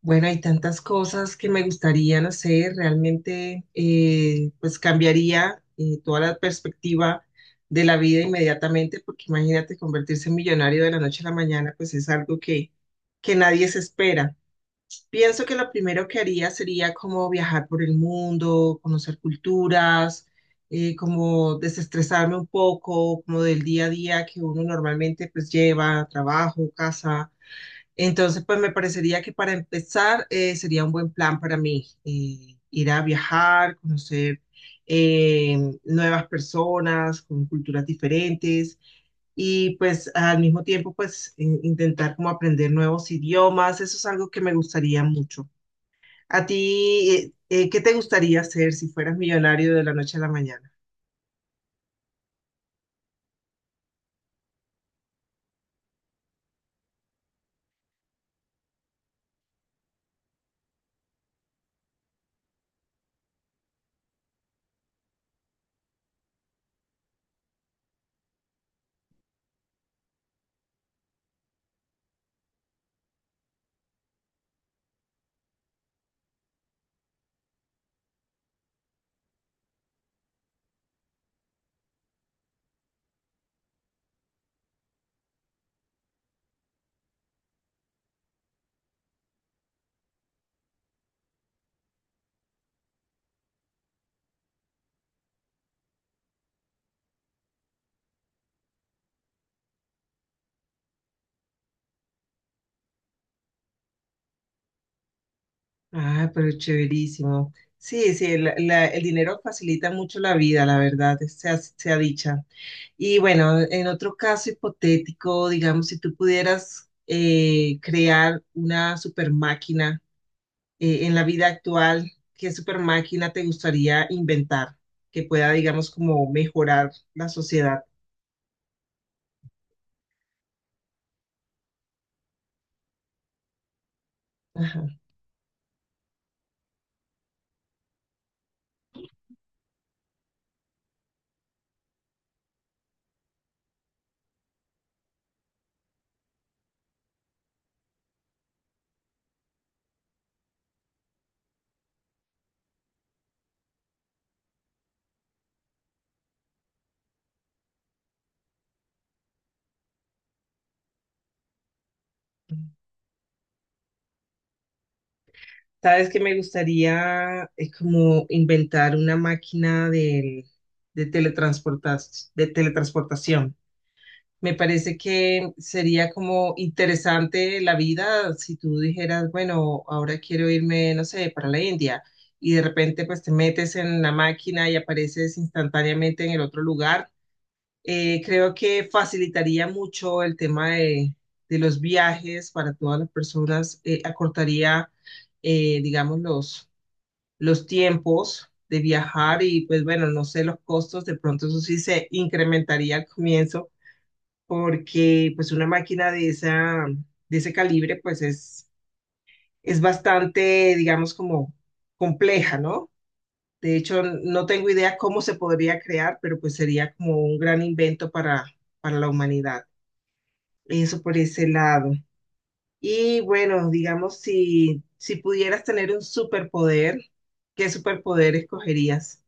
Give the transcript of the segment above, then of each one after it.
Bueno, hay tantas cosas que me gustaría, no sé, realmente pues cambiaría toda la perspectiva de la vida inmediatamente, porque imagínate convertirse en millonario de la noche a la mañana, pues es algo que nadie se espera. Pienso que lo primero que haría sería como viajar por el mundo, conocer culturas, como desestresarme un poco, como del día a día que uno normalmente pues lleva, trabajo, casa entonces, pues me parecería que para empezar sería un buen plan para mí ir a viajar, conocer eh, nuevas personas con culturas diferentes y pues al mismo tiempo pues intentar como aprender nuevos idiomas. Eso es algo que me gustaría mucho. ¿A ti qué te gustaría hacer si fueras millonario de la noche a la mañana? Ah, pero chéverísimo. Sí, sí, el dinero facilita mucho la vida, la verdad, sea dicha. Y bueno, en otro caso hipotético, digamos, si tú pudieras crear una super máquina en la vida actual, ¿qué super máquina te gustaría inventar que pueda, digamos, como mejorar la sociedad? Ajá. Sabes que me gustaría como inventar una máquina de de teletransportación. Me parece que sería como interesante la vida si tú dijeras, bueno, ahora quiero irme, no sé, para la India y de repente pues te metes en la máquina y apareces instantáneamente en el otro lugar. Creo que facilitaría mucho el tema de los viajes para todas las personas, acortaría, digamos, los tiempos de viajar y pues bueno, no sé, los costos, de pronto eso sí se incrementaría al comienzo porque pues una máquina de de ese calibre pues es bastante, digamos, como compleja, ¿no? De hecho, no tengo idea cómo se podría crear, pero pues sería como un gran invento para la humanidad. Eso por ese lado. Y bueno, digamos, si pudieras tener un superpoder, ¿qué superpoder escogerías?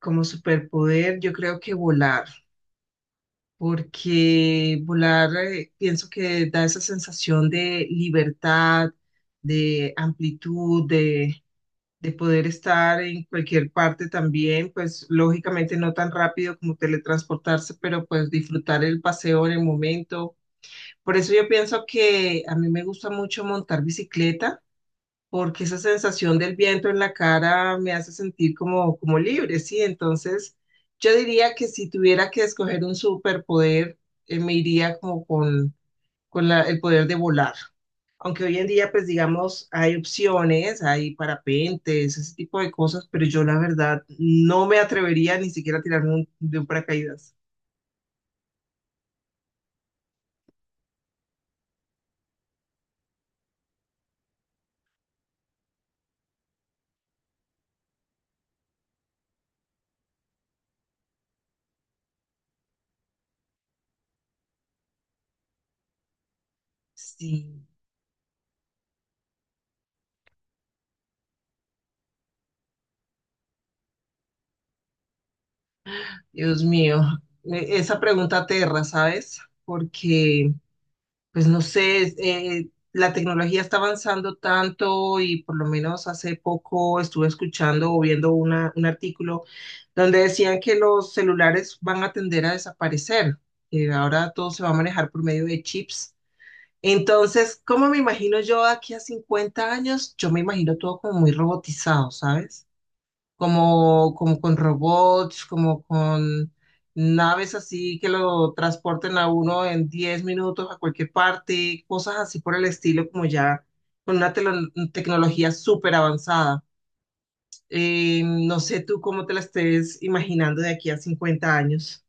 Como superpoder, yo creo que volar. Porque volar pienso que da esa sensación de libertad, de amplitud, de poder estar en cualquier parte también, pues lógicamente no tan rápido como teletransportarse, pero pues disfrutar el paseo en el momento. Por eso yo pienso que a mí me gusta mucho montar bicicleta porque esa sensación del viento en la cara me hace sentir como, como libre, ¿sí? Entonces, yo diría que si tuviera que escoger un superpoder, me iría como con el poder de volar. Aunque hoy en día, pues digamos, hay opciones, hay parapentes, ese tipo de cosas, pero yo la verdad no me atrevería ni siquiera a tirarme de un paracaídas. Sí, Dios mío, esa pregunta aterra, ¿sabes? Porque pues no sé, la tecnología está avanzando tanto y por lo menos hace poco estuve escuchando o viendo un artículo donde decían que los celulares van a tender a desaparecer, que ahora todo se va a manejar por medio de chips. Entonces, ¿cómo me imagino yo de aquí a 50 años? Yo me imagino todo como muy robotizado, ¿sabes? Como, como con robots, como con naves así que lo transporten a uno en 10 minutos a cualquier parte, cosas así por el estilo, como ya con una tecnología súper avanzada. No sé tú cómo te la estés imaginando de aquí a 50 años.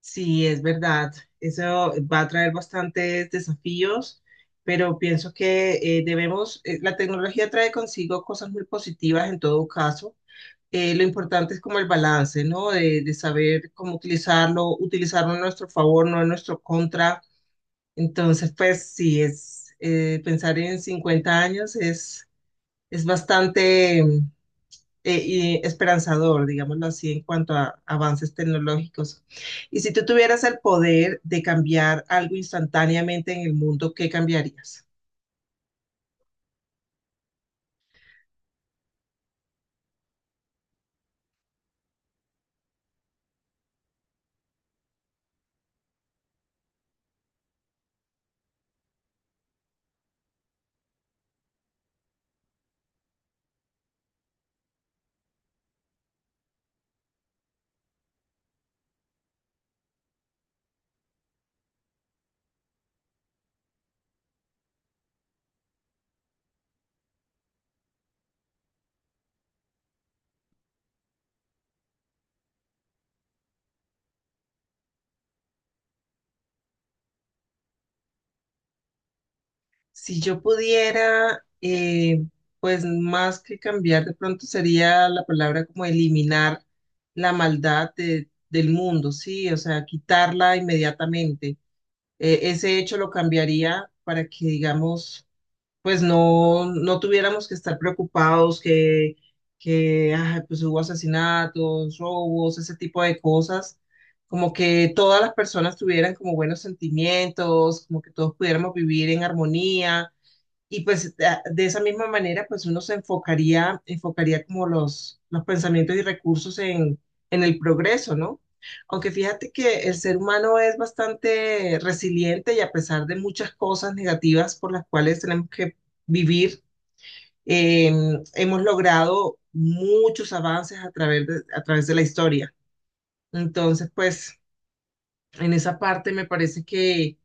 Sí, es verdad, eso va a traer bastantes desafíos. Pero pienso que la tecnología trae consigo cosas muy positivas en todo caso, lo importante es como el balance, ¿no? De saber cómo utilizarlo, utilizarlo a nuestro favor, no en nuestro contra. Entonces, pues sí, es pensar en 50 años es bastante y esperanzador, digámoslo así, en cuanto a avances tecnológicos. Y si tú tuvieras el poder de cambiar algo instantáneamente en el mundo, ¿qué cambiarías? Si yo pudiera, pues más que cambiar, de pronto sería la palabra como eliminar la maldad del mundo, ¿sí? O sea, quitarla inmediatamente. Ese hecho lo cambiaría para que, digamos, pues no, no tuviéramos que estar preocupados que ay, pues hubo asesinatos, robos, ese tipo de cosas. Como que todas las personas tuvieran como buenos sentimientos, como que todos pudiéramos vivir en armonía y pues de esa misma manera, pues uno se enfocaría, enfocaría como los pensamientos y recursos en el progreso, ¿no? Aunque fíjate que el ser humano es bastante resiliente y a pesar de muchas cosas negativas por las cuales tenemos que vivir, eh, hemos logrado muchos avances a través de la historia. Entonces, pues en esa parte me parece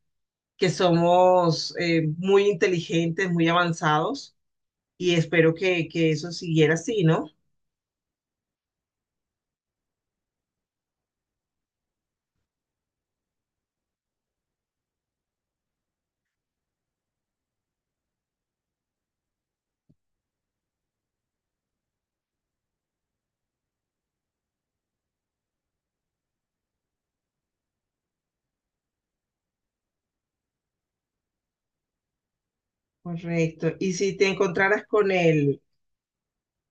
que somos muy inteligentes, muy avanzados y espero que eso siguiera así, ¿no? Correcto. Y si te encontraras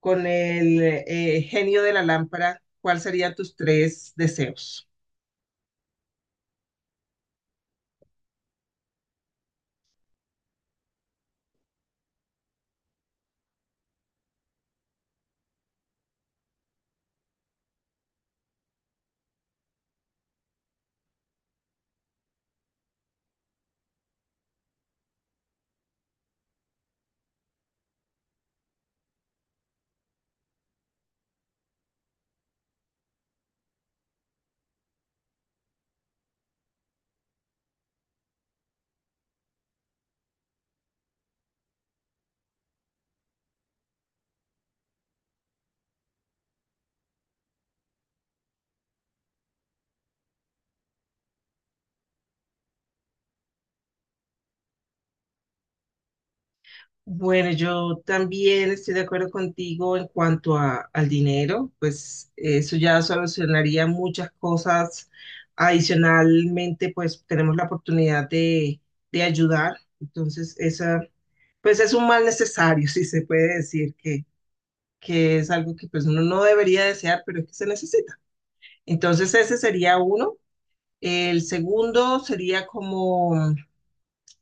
con el genio de la lámpara, ¿cuáles serían tus tres deseos? Bueno, yo también estoy de acuerdo contigo en cuanto al dinero, pues eso ya solucionaría muchas cosas. Adicionalmente, pues tenemos la oportunidad de ayudar. Entonces, esa, pues es un mal necesario, si se puede decir, que es algo que pues uno no debería desear, pero es que se necesita. Entonces ese sería uno. El segundo sería como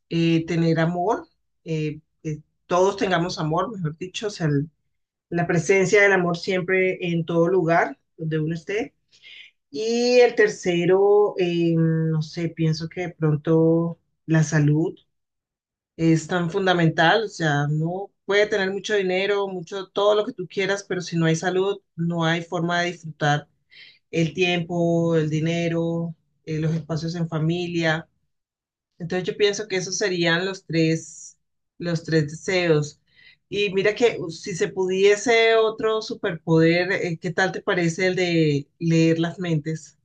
tener amor, que todos tengamos amor, mejor dicho, o sea, la presencia del amor siempre en todo lugar donde uno esté. Y el tercero, no sé, pienso que de pronto la salud es tan fundamental, o sea, no puede tener mucho dinero, mucho, todo lo que tú quieras, pero si no hay salud, no hay forma de disfrutar el tiempo, el dinero, los espacios en familia. Entonces yo pienso que esos serían los tres deseos. Y mira que si se pudiese otro superpoder, ¿qué tal te parece el de leer las mentes?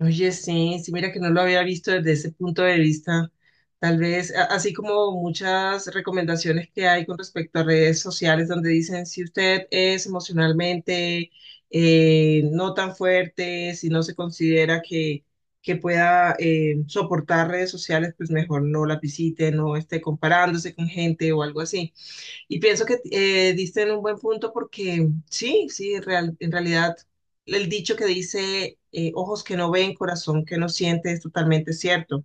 Oye, sí, sí, mira que no lo había visto desde ese punto de vista. Tal vez, así como muchas recomendaciones que hay con respecto a redes sociales donde dicen si usted es emocionalmente no tan fuerte, si no se considera que pueda soportar redes sociales, pues mejor no la visite, no esté comparándose con gente o algo así. Y pienso que diste en un buen punto porque sí, sí, en realidad el dicho que dice ojos que no ven, corazón que no siente es totalmente cierto.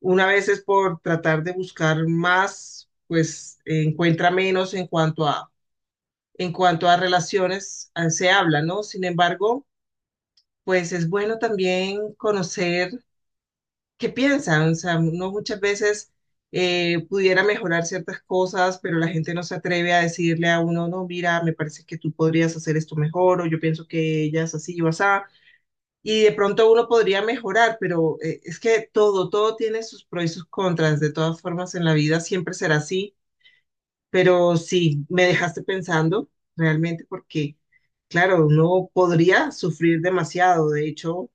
Una vez es por tratar de buscar más, pues encuentra menos en cuanto a relaciones se habla, ¿no? Sin embargo, pues es bueno también conocer qué piensan. O sea, uno muchas veces pudiera mejorar ciertas cosas, pero la gente no se atreve a decirle a uno, no, mira, me parece que tú podrías hacer esto mejor, o yo pienso que ella es así o así. Y de pronto uno podría mejorar, pero es que todo tiene sus pros y sus contras. De todas formas, en la vida siempre será así. Pero sí, me dejaste pensando realmente porque, claro, uno podría sufrir demasiado. De hecho,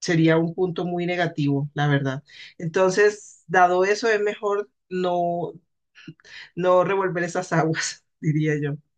sería un punto muy negativo, la verdad. Entonces, dado eso, es mejor no, no revolver esas aguas, diría yo.